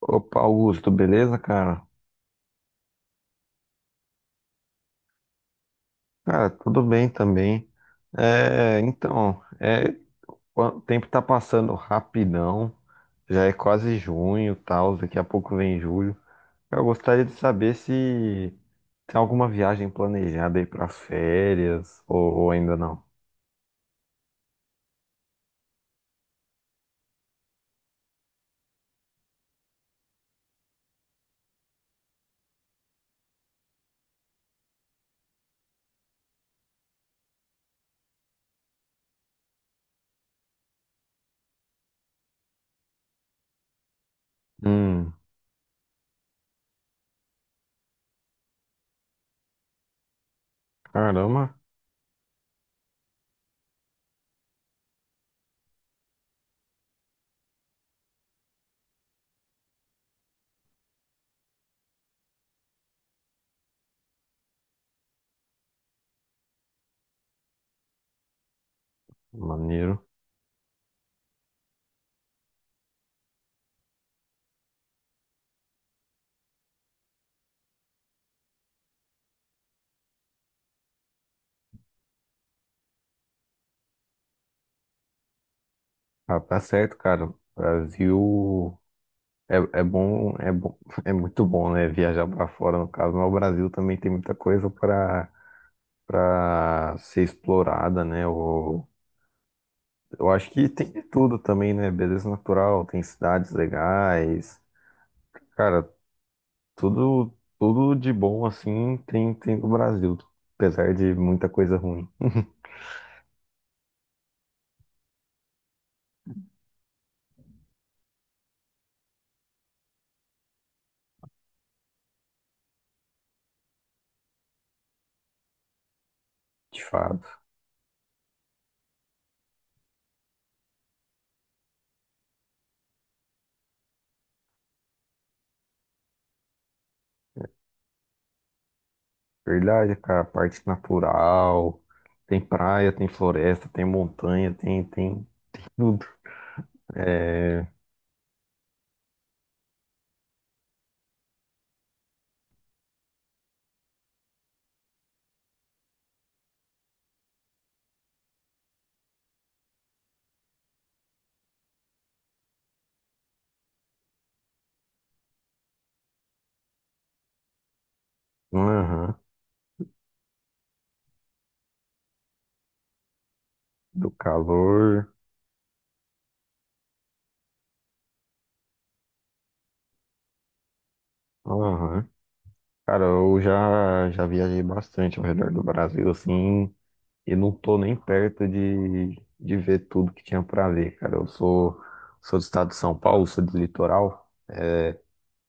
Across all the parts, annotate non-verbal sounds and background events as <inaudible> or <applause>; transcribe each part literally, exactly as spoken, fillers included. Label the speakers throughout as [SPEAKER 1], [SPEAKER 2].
[SPEAKER 1] Opa, Augusto, beleza, cara? Cara, tudo bem também. É, então, é, o tempo tá passando rapidão, já é quase junho, tal, daqui a pouco vem julho. Eu gostaria de saber se tem alguma viagem planejada aí para férias ou, ou ainda não. Hum, caramba, maneiro. Ah, tá certo, cara. Brasil é, é bom, é bom, <laughs> é muito bom, né? Viajar pra fora, no caso, mas o Brasil também tem muita coisa pra para ser explorada, né? Eu, eu acho que tem de tudo também, né? Beleza natural, tem cidades legais, cara, tudo tudo de bom assim tem tem no Brasil, apesar de muita coisa ruim, de fato. Verdade, cara, parte natural, tem praia, tem floresta, tem montanha, tem tem tudo. É, aham, do calor, aham. Cara, eu já já viajei bastante ao redor do Brasil, assim. E não tô nem perto de, de ver tudo que tinha pra ver, cara. Eu sou, sou do estado de São Paulo, sou do litoral,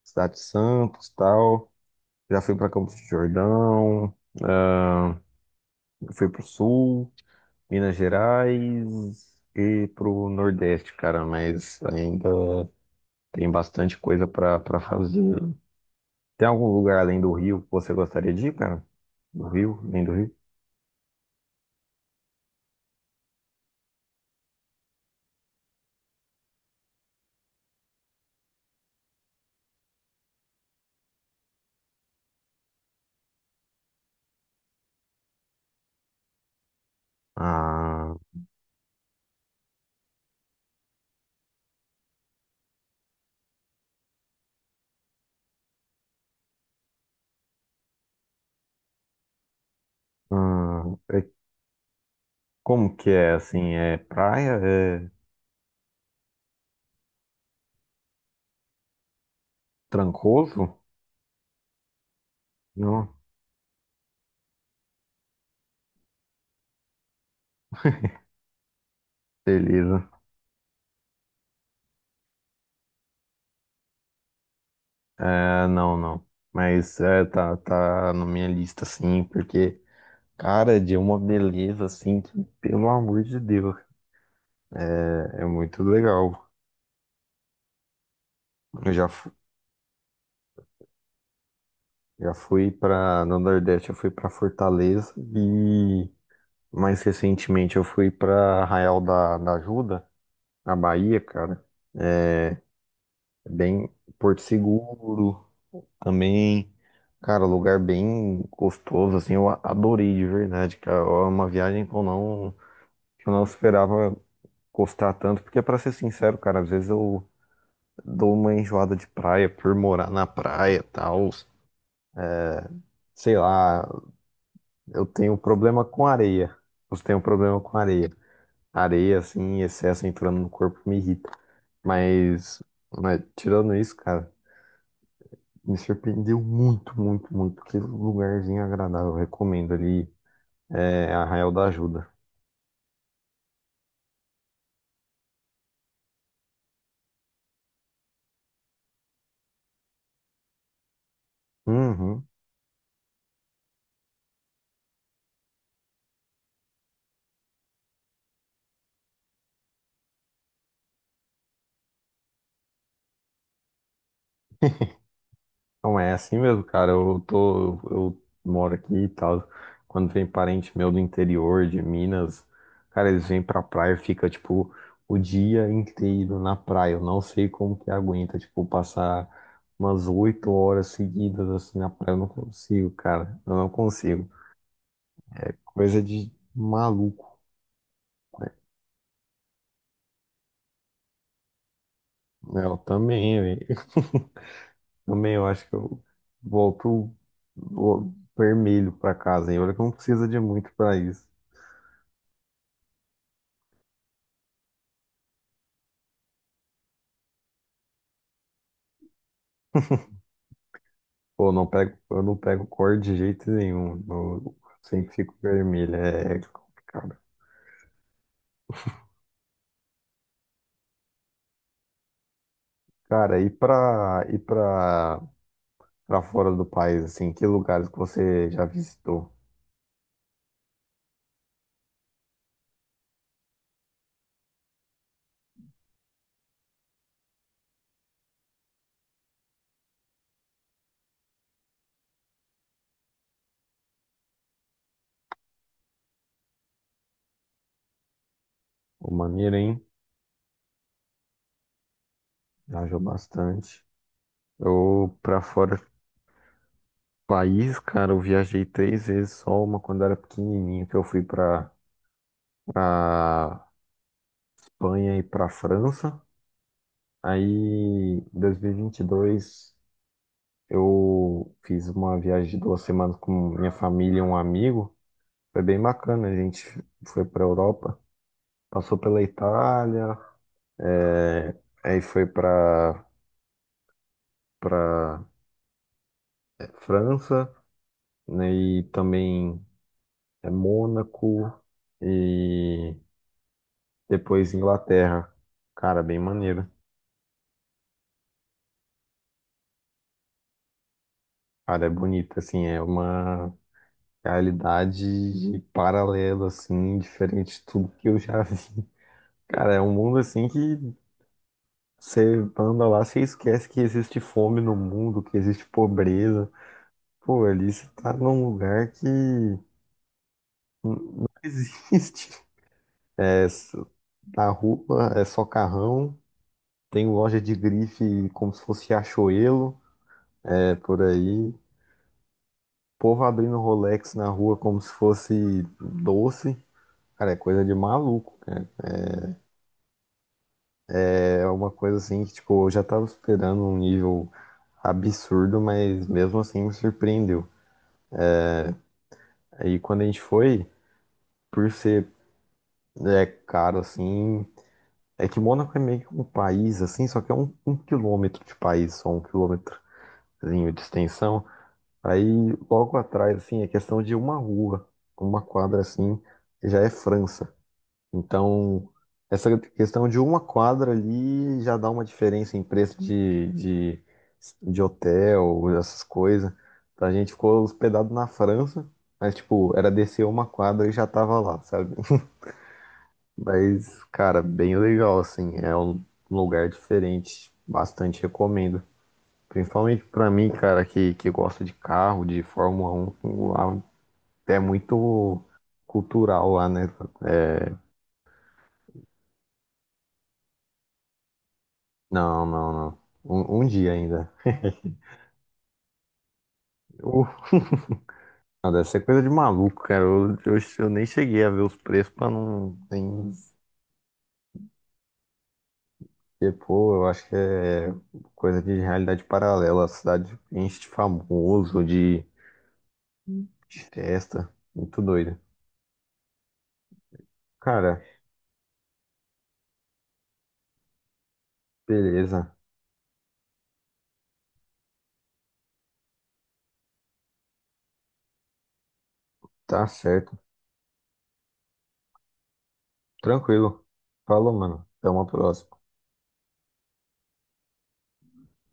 [SPEAKER 1] cidade de Santos, tal. Já fui pra Campos do Jordão, ah, fui pro Sul, Minas Gerais e pro Nordeste, cara. Mas ainda tem bastante coisa pra para fazer. Tem algum lugar além do Rio que você gostaria de ir, cara? Do Rio, além do Rio? Ah, hum, é- como que é assim? É praia? É Trancoso? Não, beleza. É, não, não. Mas é, tá, tá na minha lista, sim, porque, cara, de uma beleza, assim, que, pelo amor de Deus, é, é muito legal. Eu já, fu- já fui pra, no Nordeste, eu fui pra Fortaleza e, mais recentemente, eu fui pra Arraial da, da Ajuda, na Bahia, cara. É, Bem, Porto Seguro. Também, cara, lugar bem gostoso, assim, eu a- adorei de verdade, cara. É uma viagem que eu não, que eu não esperava gostar tanto, porque pra ser sincero, cara, às vezes eu dou uma enjoada de praia por morar na praia e tal. Sei lá, eu tenho problema com areia. Eu tenho problema com areia. Areia, assim, em excesso entrando no corpo me irrita. Mas, mas tirando isso, cara, me surpreendeu muito, muito, muito. Que lugarzinho agradável, eu recomendo ali. É Arraial da Ajuda. Uhum. Não é assim mesmo, cara. Eu tô, eu moro aqui e tal. Quando vem parente meu do interior de Minas, cara, eles vêm pra praia, e fica tipo o dia inteiro na praia. Eu não sei como que aguenta, tipo, passar umas oito horas seguidas assim na praia. Eu não consigo, cara. Eu não consigo. Coisa de maluco, né? Eu também, velho. <laughs> Também eu acho que eu vou pro, vou vermelho pra casa, hein? Olha que não precisa de muito pra isso. Pô, não pego, eu não pego cor de jeito nenhum. Eu sempre fico vermelho. É é complicado. Cara, e pra, e pra, pra fora do país, assim, que lugares que você já visitou? O Maneiro, hein? Viajou bastante. Eu, pra fora do país, cara, eu viajei três vezes só, uma quando era pequenininho, que eu fui pra, pra Espanha e pra França. Aí, em dois mil e vinte e dois, eu fiz uma viagem de duas semanas com minha família e um amigo. Foi bem bacana, a gente foi para Europa, passou pela Itália, é, aí foi para para França, né, e também é, Mônaco e depois Inglaterra. Cara, bem maneiro. Cara, é bonito, assim, é uma realidade paralela, assim, diferente de tudo que eu já <laughs> vi. Cara, é um mundo assim que você anda lá, você esquece que existe fome no mundo, que existe pobreza. Pô, ali você tá num lugar que n- não existe. <laughs> É, s- na rua é só carrão, tem loja de grife como se fosse Riachuelo, é por aí. Povo abrindo Rolex na rua como se fosse doce. Cara, é coisa de maluco. É uma coisa assim que, tipo, eu já tava esperando um nível absurdo, mas mesmo assim me surpreendeu. Aí quando a gente foi, por ser é, caro assim, é que Mônaco é meio que um país assim, só que é um, um quilômetro de país, só um quilômetrozinho de extensão. Aí logo atrás, assim, é questão de uma rua, uma quadra assim, já é França. Então, essa questão de uma quadra ali já dá uma diferença em preço de, de, de hotel, essas coisas. Então, a gente ficou hospedado na França, mas, tipo, era descer uma quadra e já tava lá, sabe? Mas, cara, bem legal, assim. É um lugar diferente. Bastante recomendo. Principalmente pra mim, cara, que, que gosta de carro, de Fórmula um. Lá é muito cultural lá, né? É, Não, não, não. Um, um dia ainda. <laughs> O- Não, deve ser coisa de maluco, cara. Eu, eu, eu nem cheguei a ver os preços pra não nem dizer, pô, eu acho que é coisa de realidade paralela. A cidade enche de famoso, de, de festa. Muito doido. Cara, beleza. Tá certo. Tranquilo. Falou, mano. Até uma próxima.